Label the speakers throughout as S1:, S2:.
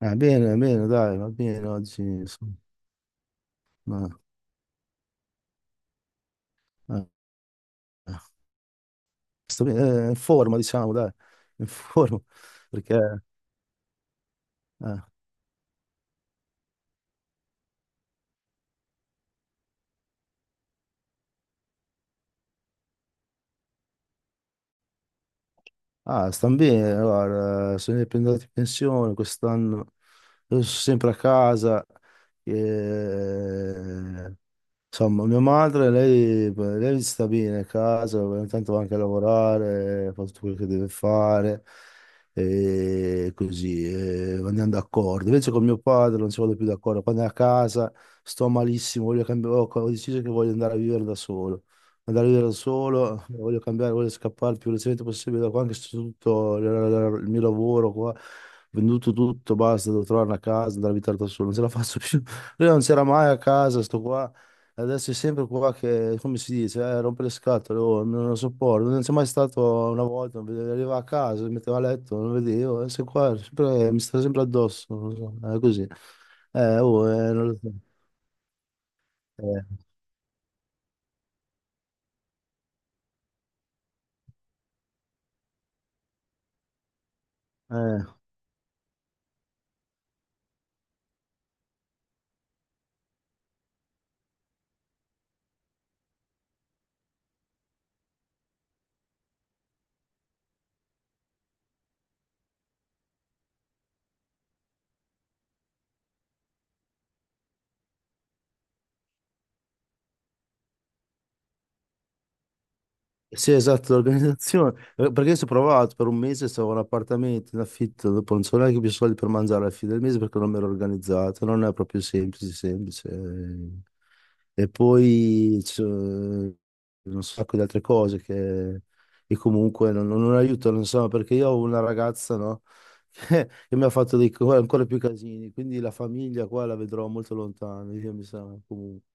S1: Bene, bene, dai, va bene oggi, insomma. eh, eh, Sto bene, in forma, diciamo, dai, in forma. perché, eh, ah, stanno bene, guarda, sono andato in pensione quest'anno, io sono sempre a casa, eh, insomma, mia madre, lei sta bene a casa, ogni tanto va anche a lavorare, fa tutto quello che deve fare, e così, e andiamo d'accordo. Invece con mio padre non ci vado più d'accordo, quando è a casa sto malissimo, voglio cambiare, ho deciso che voglio andare a vivere da solo. Andare a vivere da solo, voglio cambiare, voglio scappare il più velocemente possibile da qua, anche se tutto il mio lavoro qua, venduto tutto, basta, devo trovare una casa, andare a abitare da solo, non ce la faccio più. Lui non c'era mai a casa, sto qua. Adesso è sempre qua che, come si dice, rompe le scatole, oh, non lo sopporto. Non c'è mai stato una volta, non arrivava a casa, mi metteva a letto, non vedevo, adesso è qua, mi sta sempre addosso, non lo so, è così. Oh, Non lo so. Eh, eh. Sì, esatto, l'organizzazione. Perché se ho provato per un mese, stavo in appartamento, in affitto, dopo non so neanche più soldi per mangiare alla fine del mese perché non mi ero organizzato, non è proprio semplice, semplice. E poi c'è un sacco di altre cose che comunque non aiutano, insomma, perché io ho una ragazza, no? Che, mi ha fatto ancora più casini, quindi la famiglia qua la vedrò molto lontano, io mi sa comunque.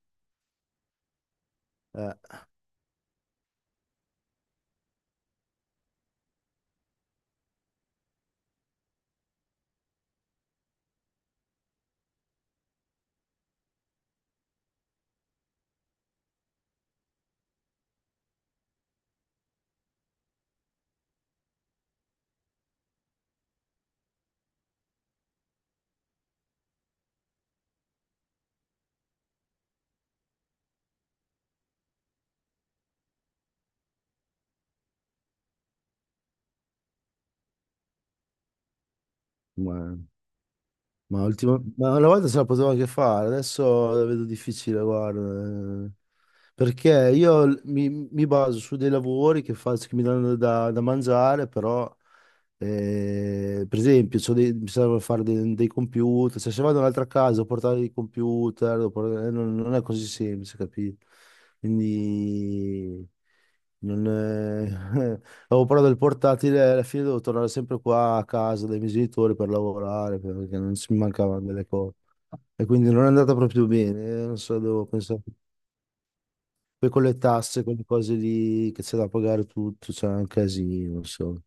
S1: Eh, Ma, ma una volta se la potevo anche fare, adesso la vedo difficile, guarda. Eh. Perché io mi baso su dei lavori che faccio, che mi danno da mangiare, però, per esempio, mi serve fare dei computer, cioè se vado in un'altra casa devo portare dei computer, devo portare, non è così semplice, capito? Quindi, non è... Avevo però del portatile, alla fine devo tornare sempre qua a casa dai miei genitori per lavorare, perché non si mi mancavano delle cose. E quindi non è andata proprio bene, non so, devo pensare. Poi con le tasse, con le cose lì che c'è da pagare tutto, c'è un casino, non so.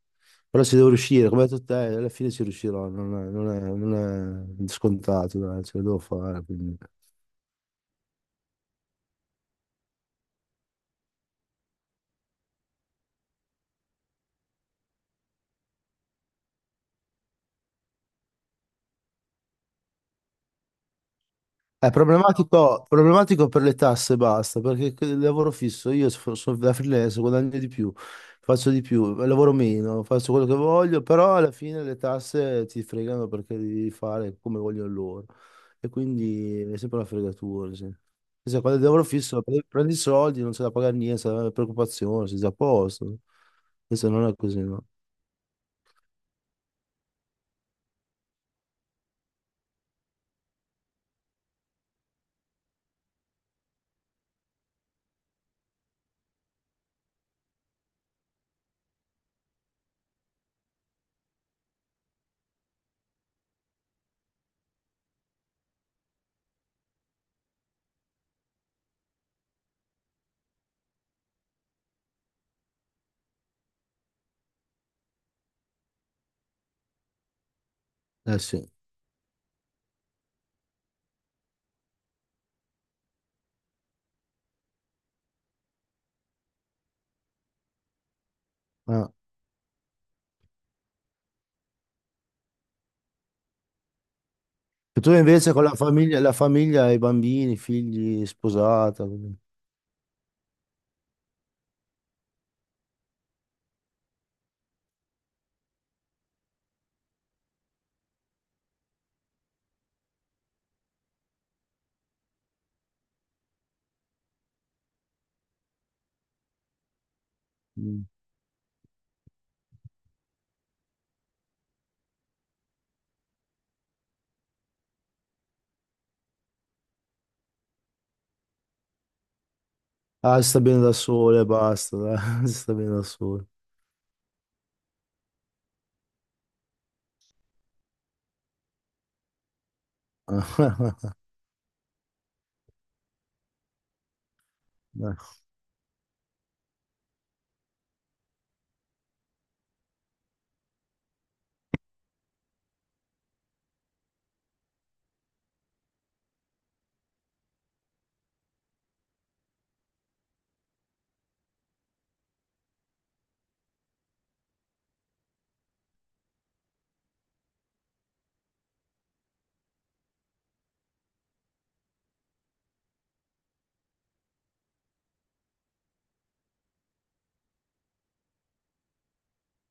S1: Però ci devo riuscire, come hai detto te, alla fine ci riuscirò, non è scontato, dai, ce la devo fare, quindi. È problematico, problematico per le tasse, basta, perché il lavoro fisso, io sono da freelance, guadagno di più, faccio di più, lavoro meno, faccio quello che voglio, però alla fine le tasse ti fregano perché devi fare come vogliono loro. E quindi è sempre una fregatura. Sì. Cioè, quando il lavoro fisso prendi i soldi, non c'è da pagare niente, non c'è preoccupazione, sei già a posto. Invece non è così, no? Eh sì. Ah. E tu invece con la famiglia, i bambini, i figli, sposata. Ah, si sta bene da sole, basta, dai, si sta bene da sole.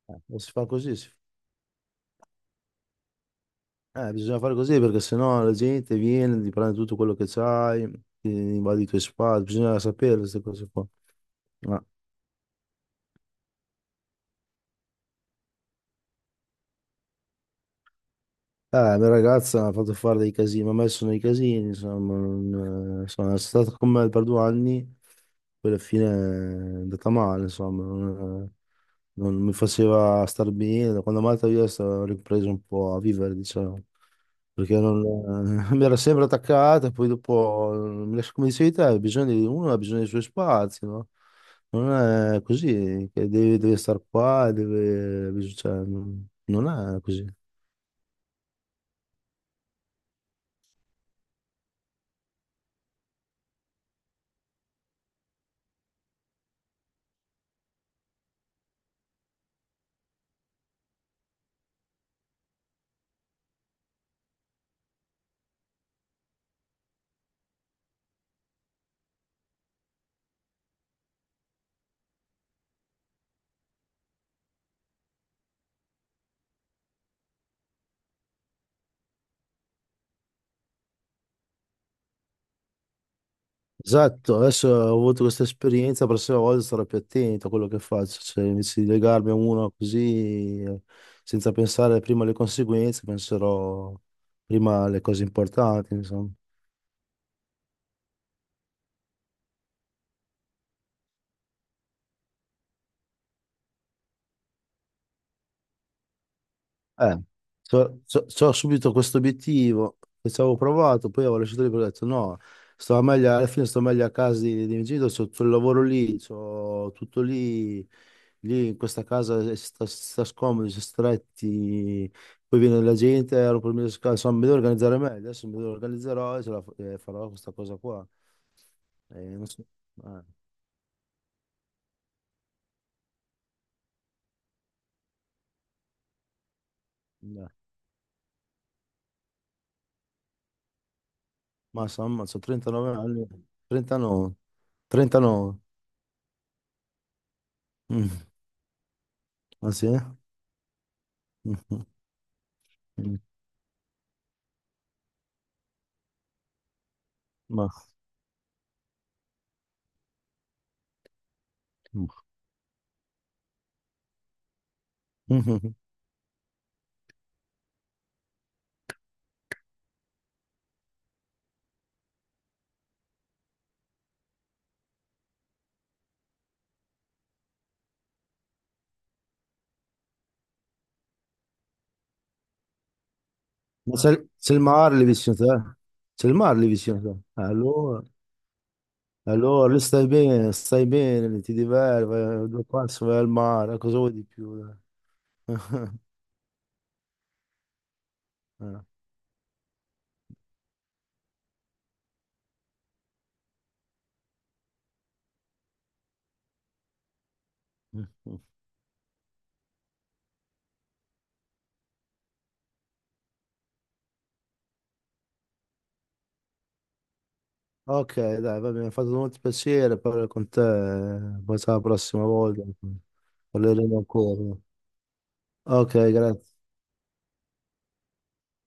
S1: Non si fa così, bisogna fare così perché sennò la gente viene, ti prende tutto quello che c'hai, ti invade i tuoi spazi, bisogna sapere queste cose qua. Ah. La mia ragazza mi ha fatto fare dei casini, mi ha messo nei casini, insomma, non, insomma, è stata con me per 2 anni, poi alla fine è andata male, insomma, non mi faceva star bene, quando è andata via ho ripreso un po' a vivere, diciamo, perché non, mi era sempre attaccata, poi dopo, come dicevi te, ha bisogno di, uno ha bisogno dei suoi spazi, no? Non è così, che deve stare qua, cioè, non è così. Esatto, adesso ho avuto questa esperienza, la prossima volta sarò più attento a quello che faccio, cioè invece di legarmi a uno così senza pensare prima alle conseguenze, penserò prima alle cose importanti, insomma. Eh, so subito questo obiettivo che ci avevo provato, poi avevo lasciato lì perché ho detto no, stavo meglio, alla fine sto meglio a casa di miei genitori, c'ho tutto il lavoro lì, c'ho tutto lì, lì in questa casa si sta scomodi, si è stretti, poi viene la gente, ero per me, insomma, mi devo organizzare meglio, adesso mi devo organizzerò e, e farò questa cosa qua. Non so, eh, no. Ma insomma, ho 39 anni. 39. 39. Mm, ah sì? Mm. Mm. Ma, ma sei il mare lì vicino a te? C'è il mare lì vicino a te? Allora, allora lì stai bene, lì ti diverti, vai, due passi, vai al mare, cosa vuoi di più, dai? Eh. Ok, dai, va bene, mi ha fatto molto piacere parlare con te, poi sarà la prossima volta, parleremo ancora. Ok, grazie.